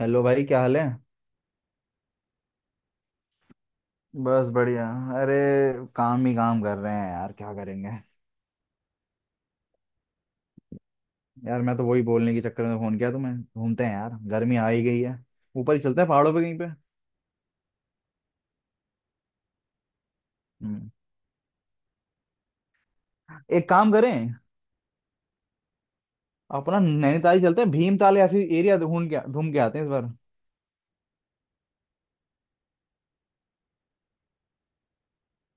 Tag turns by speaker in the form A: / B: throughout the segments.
A: Hello भाई क्या हाल है। बस बढ़िया। अरे काम ही काम कर रहे हैं यार क्या करेंगे। यार मैं तो वही बोलने के चक्कर में फोन किया तुम्हें, घूमते हैं यार, गर्मी आ ही गई है। ऊपर ही चलते हैं पहाड़ों पे कहीं पे। हम्म, एक काम करें, अपना नैनीताल ही चलते हैं, भीमताल ऐसी एरिया ढूंढ के घूम के आते हैं इस बार।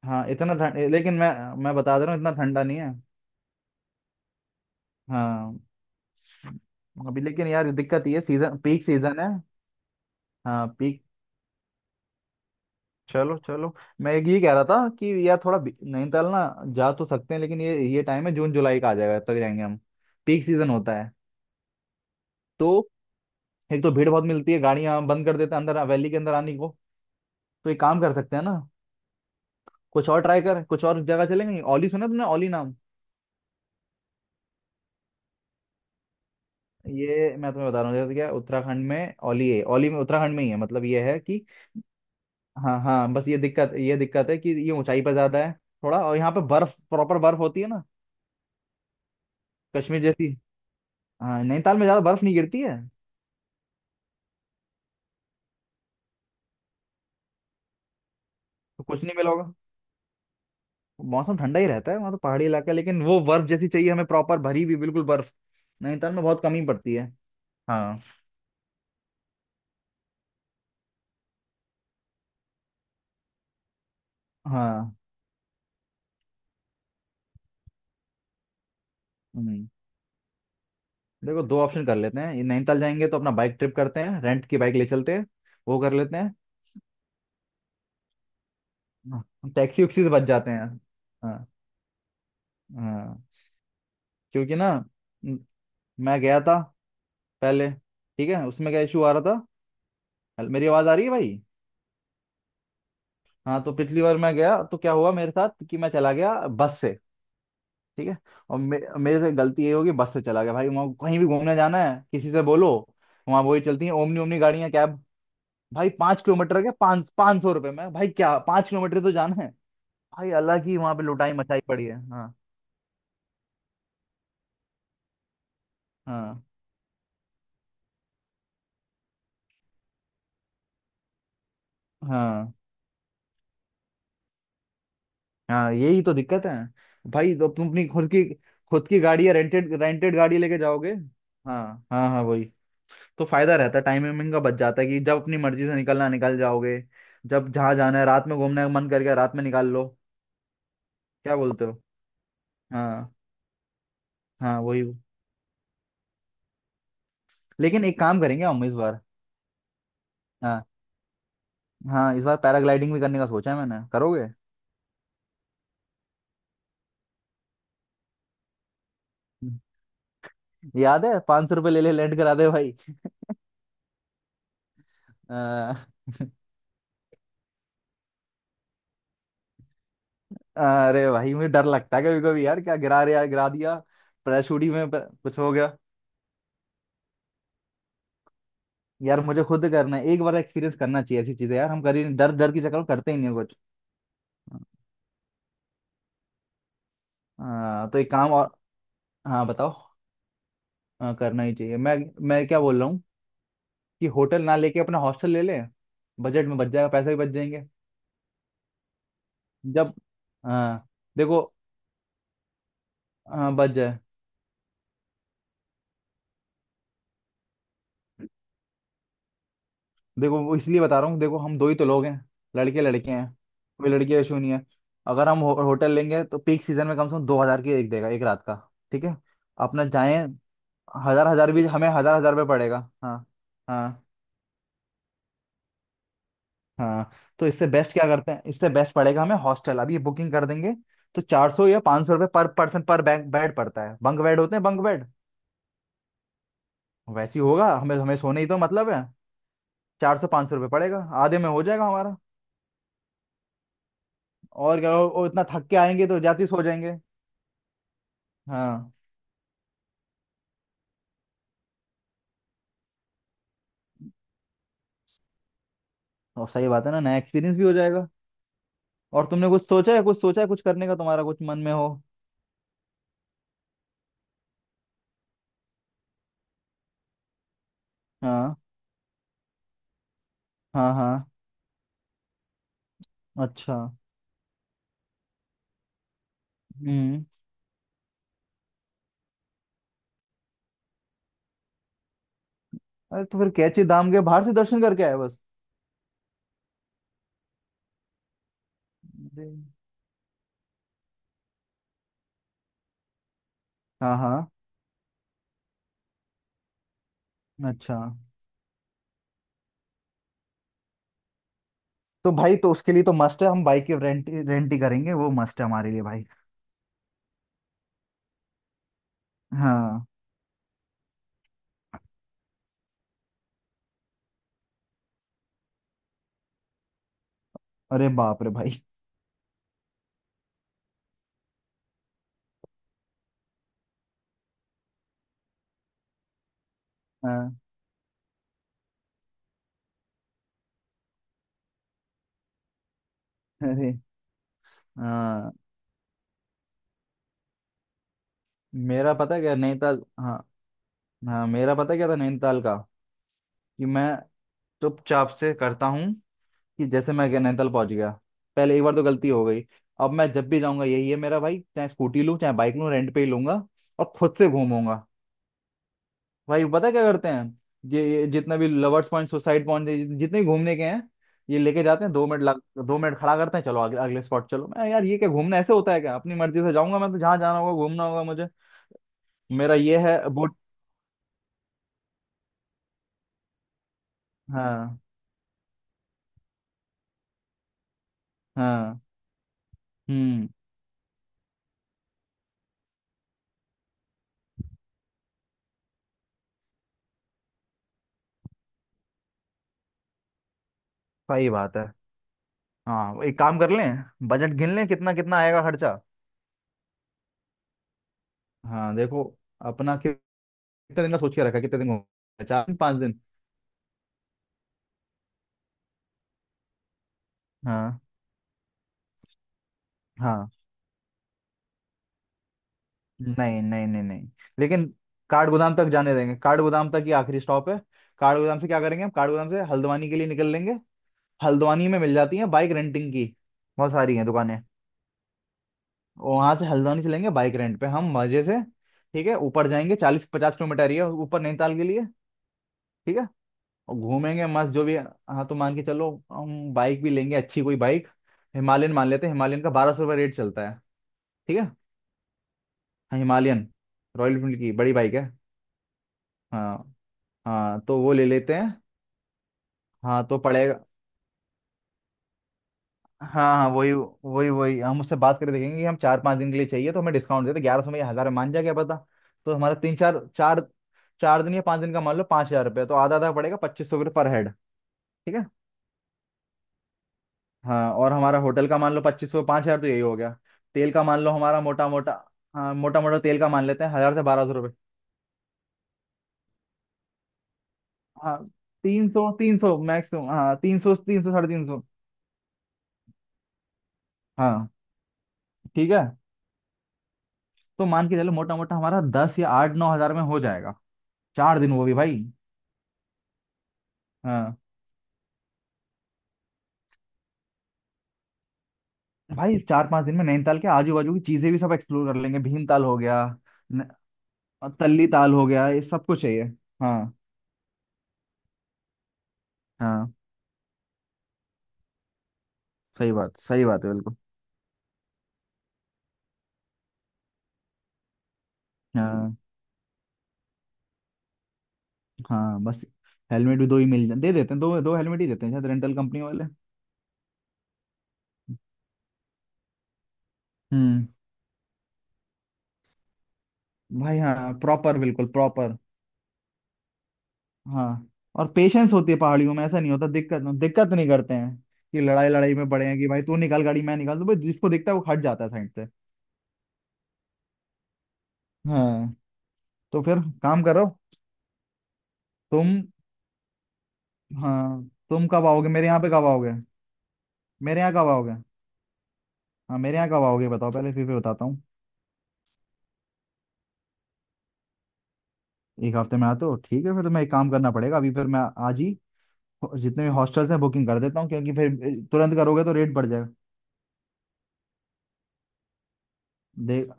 A: हाँ इतना ठंड लेकिन मैं बता दे रहा हूँ इतना ठंडा नहीं है। हाँ अभी लेकिन यार दिक्कत ये है, सीजन पीक सीजन है। हाँ पीक, चलो चलो, मैं एक ये कह रहा था कि यार थोड़ा नैनीताल ना जा तो सकते हैं, लेकिन ये टाइम है जून जुलाई का आ जाएगा, तब तक जाएंगे हम, पीक सीजन होता है। तो एक तो भीड़ बहुत मिलती है, गाड़ियां बंद कर देते हैं अंदर, वैली के अंदर आने को। तो एक काम कर सकते हैं ना, कुछ और ट्राई कर, कुछ और जगह चलेंगे। ओली सुना तुमने, ओली नाम? ये मैं तुम्हें बता रहा हूँ, जैसे क्या उत्तराखंड में ओली है, ओली में उत्तराखंड में ही है, मतलब ये है कि हाँ हाँ, बस ये दिक्कत, ये दिक्कत है कि ये ऊंचाई पर ज्यादा है, थोड़ा और। यहाँ पे बर्फ प्रॉपर बर्फ होती है ना, कश्मीर जैसी। हाँ नैनीताल में ज्यादा बर्फ नहीं गिरती है, तो कुछ नहीं मिला होगा। मौसम ठंडा ही रहता है वहां, तो पहाड़ी इलाका है, लेकिन वो बर्फ जैसी चाहिए हमें, प्रॉपर भरी हुई बिल्कुल बर्फ, नैनीताल में बहुत कमी पड़ती है। हाँ हाँ। हम्म देखो, दो ऑप्शन कर लेते हैं, ये नैनीताल जाएंगे तो अपना बाइक ट्रिप करते हैं, रेंट की बाइक ले चलते हैं, वो कर लेते हैं, टैक्सी उक्सी से बच जाते हैं। हाँ हाँ, क्योंकि ना, म- मैं गया था पहले, ठीक है? उसमें क्या इशू आ रहा था, मेरी आवाज आ रही है भाई? हाँ तो पिछली बार मैं गया तो क्या हुआ मेरे साथ, कि मैं चला गया बस से, ठीक है? और मेरे से गलती ये होगी, बस से चला गया भाई। वहाँ कहीं भी घूमने जाना है किसी से बोलो, वहाँ वही चलती है ओमनी, ओमनी गाड़ियाँ, कैब। भाई 5 किलोमीटर के 5 500 रुपये में भाई, क्या 5 किलोमीटर तो जाना है भाई, अलग ही वहाँ पे लुटाई मचाई पड़ी है। हाँ हाँ हाँ हाँ, यही तो दिक्कत है भाई। तो तुम अपनी खुद की, खुद की गाड़ी या रेंटेड, रेंटेड गाड़ी लेके जाओगे, हाँ हाँ हाँ वही। तो फायदा रहता है, टाइम वाइमिंग का बच जाता है, कि जब अपनी मर्जी से निकलना है, निकल जाओगे, जब जहाँ जाना है, रात में घूमने का मन करके रात में निकाल लो, क्या बोलते हो। हाँ हाँ वही। लेकिन एक काम करेंगे हम इस बार, हाँ हाँ, इस बार पैराग्लाइडिंग भी करने का सोचा है मैंने, करोगे? हम्म। याद है, 500 रुपये ले ले लैंड करा दे भाई। आ, अरे भाई मुझे डर लगता है कभी कभी यार, क्या गिरा रहा गिरा दिया, पैराशूट ही में कुछ हो गया। यार मुझे खुद करना है एक बार, एक्सपीरियंस करना चाहिए ऐसी चीजें यार, हम कर ही नहीं, डर डर के चक्कर में करते ही नहीं हैं कुछ। तो एक काम और, हाँ बताओ, हाँ करना ही चाहिए। मैं क्या बोल रहा हूँ कि होटल ना लेके अपना हॉस्टल ले लें, बजट में बच जाएगा, पैसे भी बच जाएंगे। जब हाँ देखो, हाँ बच जाए। देखो वो इसलिए बता रहा हूँ, देखो हम दो ही तो लोग हैं, लड़के लड़के हैं, कोई लड़की का इशू नहीं है। अगर हम होटल लेंगे तो पीक सीजन में कम से कम 2,000 की एक देगा, एक रात का, ठीक है? अपना जाए हजार हजार भी हमें, हजार हजार रुपये पड़ेगा। हाँ हाँ हाँ। तो इससे बेस्ट क्या करते हैं, इससे बेस्ट पड़ेगा हमें हॉस्टल, अभी ये बुकिंग कर देंगे तो 400 या 500 रुपये पर पर्सन पर बैग बेड पड़ता है, बंक बेड होते हैं, बंक बेड। वैसे ही होगा, हमें, हमें सोने ही तो मतलब है, 400 500 रुपये पड़ेगा, आधे में हो जाएगा हमारा। और क्या, वो इतना थक के आएंगे तो जाते ही सो जाएंगे। हाँ, और सही बात है ना, नया एक्सपीरियंस भी हो जाएगा। और तुमने कुछ सोचा है, कुछ सोचा है, कुछ करने का तुम्हारा कुछ मन में हो? हाँ हाँ हाँ। अच्छा। हम्म अरे तो फिर कैची धाम के बाहर से दर्शन करके आए बस। अरे, हाँ हाँ, अच्छा तो भाई, तो उसके लिए तो मस्ट है, हम बाइक की रेंट, रेंट ही करेंगे, वो मस्ट है हमारे लिए भाई। हाँ, अरे बाप रे भाई, हाँ, अरे, हाँ। मेरा पता क्या नैनीताल, हाँ हाँ, मेरा पता क्या था नैनीताल का, कि मैं चुपचाप से करता हूँ, कि जैसे मैं नैनीताल पहुंच गया, पहले एक बार तो गलती हो गई, अब मैं जब भी जाऊंगा यही है मेरा भाई, चाहे स्कूटी लूँ चाहे बाइक लूँ, रेंट पे ही लूंगा और खुद से घूमूंगा। भाई पता है क्या करते हैं, ये जितने भी लवर्स पॉइंट, सुसाइड पॉइंट, जितने भी घूमने के हैं, ये लेके जाते हैं, 2 मिनट लग, 2 मिनट खड़ा करते हैं, चलो अगले, अगले स्पॉट चलो। मैं यार ये क्या घूमना ऐसे होता है क्या, अपनी मर्जी से जाऊंगा मैं तो, जहाँ जाना होगा घूमना होगा मुझे, मेरा ये है बोट। हाँ हाँ, हम्म सही बात है। हाँ एक काम कर लें, बजट गिन लें कितना कितना आएगा खर्चा। हाँ देखो, अपना कितने दिन का सोच के रखा है, कितने दिन हो गए? चार दिन पाँच दिन। हाँ हाँ, नहीं नहीं नहीं नहीं, लेकिन काठ गोदाम तक जाने देंगे, काठ गोदाम तक ही आखिरी स्टॉप है। काठ गोदाम से क्या करेंगे, हम काठ गोदाम से हल्द्वानी के लिए निकल लेंगे। हल्द्वानी में मिल जाती है बाइक रेंटिंग की, बहुत सारी हैं दुकानें। वहां से हल्द्वानी चलेंगे बाइक रेंट पे, हम मजे से, ठीक है? ऊपर जाएंगे, 40 50 किलोमीटर ही है ऊपर नैनीताल के लिए, ठीक है। और घूमेंगे मस्त जो भी, हाँ तो मान के चलो हम बाइक भी लेंगे अच्छी कोई बाइक, हिमालयन मान लेते हैं, हिमालयन का 1,200 रुपये रेट चलता है, ठीक है। हाँ हिमालयन, रॉयल एनफील्ड की बड़ी बाइक है। हाँ हाँ, तो वो ले लेते हैं। हाँ तो पड़ेगा। हाँ हाँ वही वही वही, हम उससे बात करके देखेंगे कि हम चार पाँच दिन के लिए चाहिए तो हमें डिस्काउंट देते, 1,100 में या हज़ार मान जाए, क्या पता। तो हमारा तीन चार चार, चार दिन या पाँच दिन का मान लो, 5,000 रुपये तो, आधा आधा पड़ेगा, 2,500 रुपये पर हेड, ठीक है। हाँ और हमारा होटल का मान लो 2,500, 5,000, तो यही हो गया। तेल का मान लो हमारा मोटा मोटा, हाँ मोटा मोटा तेल का मान लेते हैं हजार से 1,200 रुपये। हाँ 300 तीन सौ मैक्सिमम, हाँ तीन सौ 350। हाँ ठीक है, तो मान के चलो मोटा मोटा हमारा दस या 8 9 हज़ार में हो जाएगा, चार दिन वो भी भाई। हाँ। भाई चार पांच दिन में नैनीताल के आजू बाजू की चीजें भी सब एक्सप्लोर कर लेंगे, भीमताल हो गया, न- और तल्ली ताल हो गया, ये सब कुछ है ये। हाँ हाँ, सही बात, सही बात है बिल्कुल। हाँ हाँ बस, हेलमेट भी दो ही मिल जाते, दे देते हैं दो दो हेलमेट ही देते हैं शायद रेंटल कंपनी वाले। हम्म, भाई हाँ प्रॉपर, बिल्कुल प्रॉपर। हाँ और पेशेंस होती है पहाड़ियों में, ऐसा नहीं होता दिक्कत, दिक्कत नहीं करते हैं कि लड़ाई लड़ाई में पड़े हैं कि भाई तू निकाल गाड़ी मैं निकाल दूं, भाई जिसको दिखता है वो हट जाता है साइड से। हाँ तो फिर काम करो तुम। हाँ, तुम कब आओगे मेरे यहाँ पे, कब आओगे, मेरे यहाँ कब आओगे? हाँ मेरे यहाँ कब आओगे, बताओ पहले फिर बताता हूँ। 1 हफ्ते में आते हो, ठीक है, फिर तुम्हें एक काम करना पड़ेगा। अभी फिर मैं आज ही जितने भी हॉस्टल्स हैं बुकिंग कर देता हूँ, क्योंकि फिर तुरंत करोगे तो रेट बढ़ जाएगा। देख,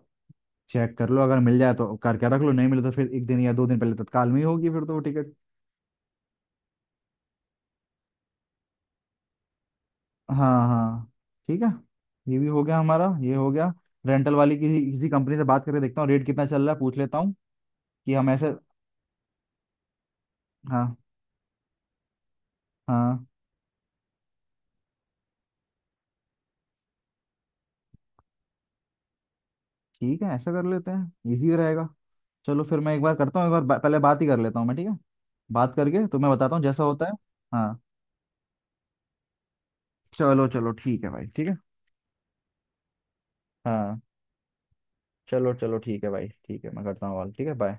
A: चेक कर लो, अगर मिल जाए तो करके रख लो, नहीं मिले तो फिर एक दिन या दो दिन पहले तत्काल में ही होगी फिर तो वो टिकट। हाँ हाँ, ठीक है, ये भी हो गया हमारा, ये हो गया। रेंटल वाली किसी किसी कंपनी से बात करके देखता हूँ रेट कितना चल रहा है पूछ लेता हूँ, कि हम ऐसे, हाँ हाँ, ठीक है, ऐसा कर लेते हैं, इजी रहेगा। चलो फिर मैं एक बार करता हूँ, एक बार पहले बात ही कर लेता हूँ मैं, ठीक है। बात करके तो मैं बताता हूँ जैसा होता है। हाँ चलो चलो ठीक है भाई ठीक है। हाँ चलो चलो ठीक है भाई ठीक है, मैं करता हूँ कॉल, ठीक है, बाय।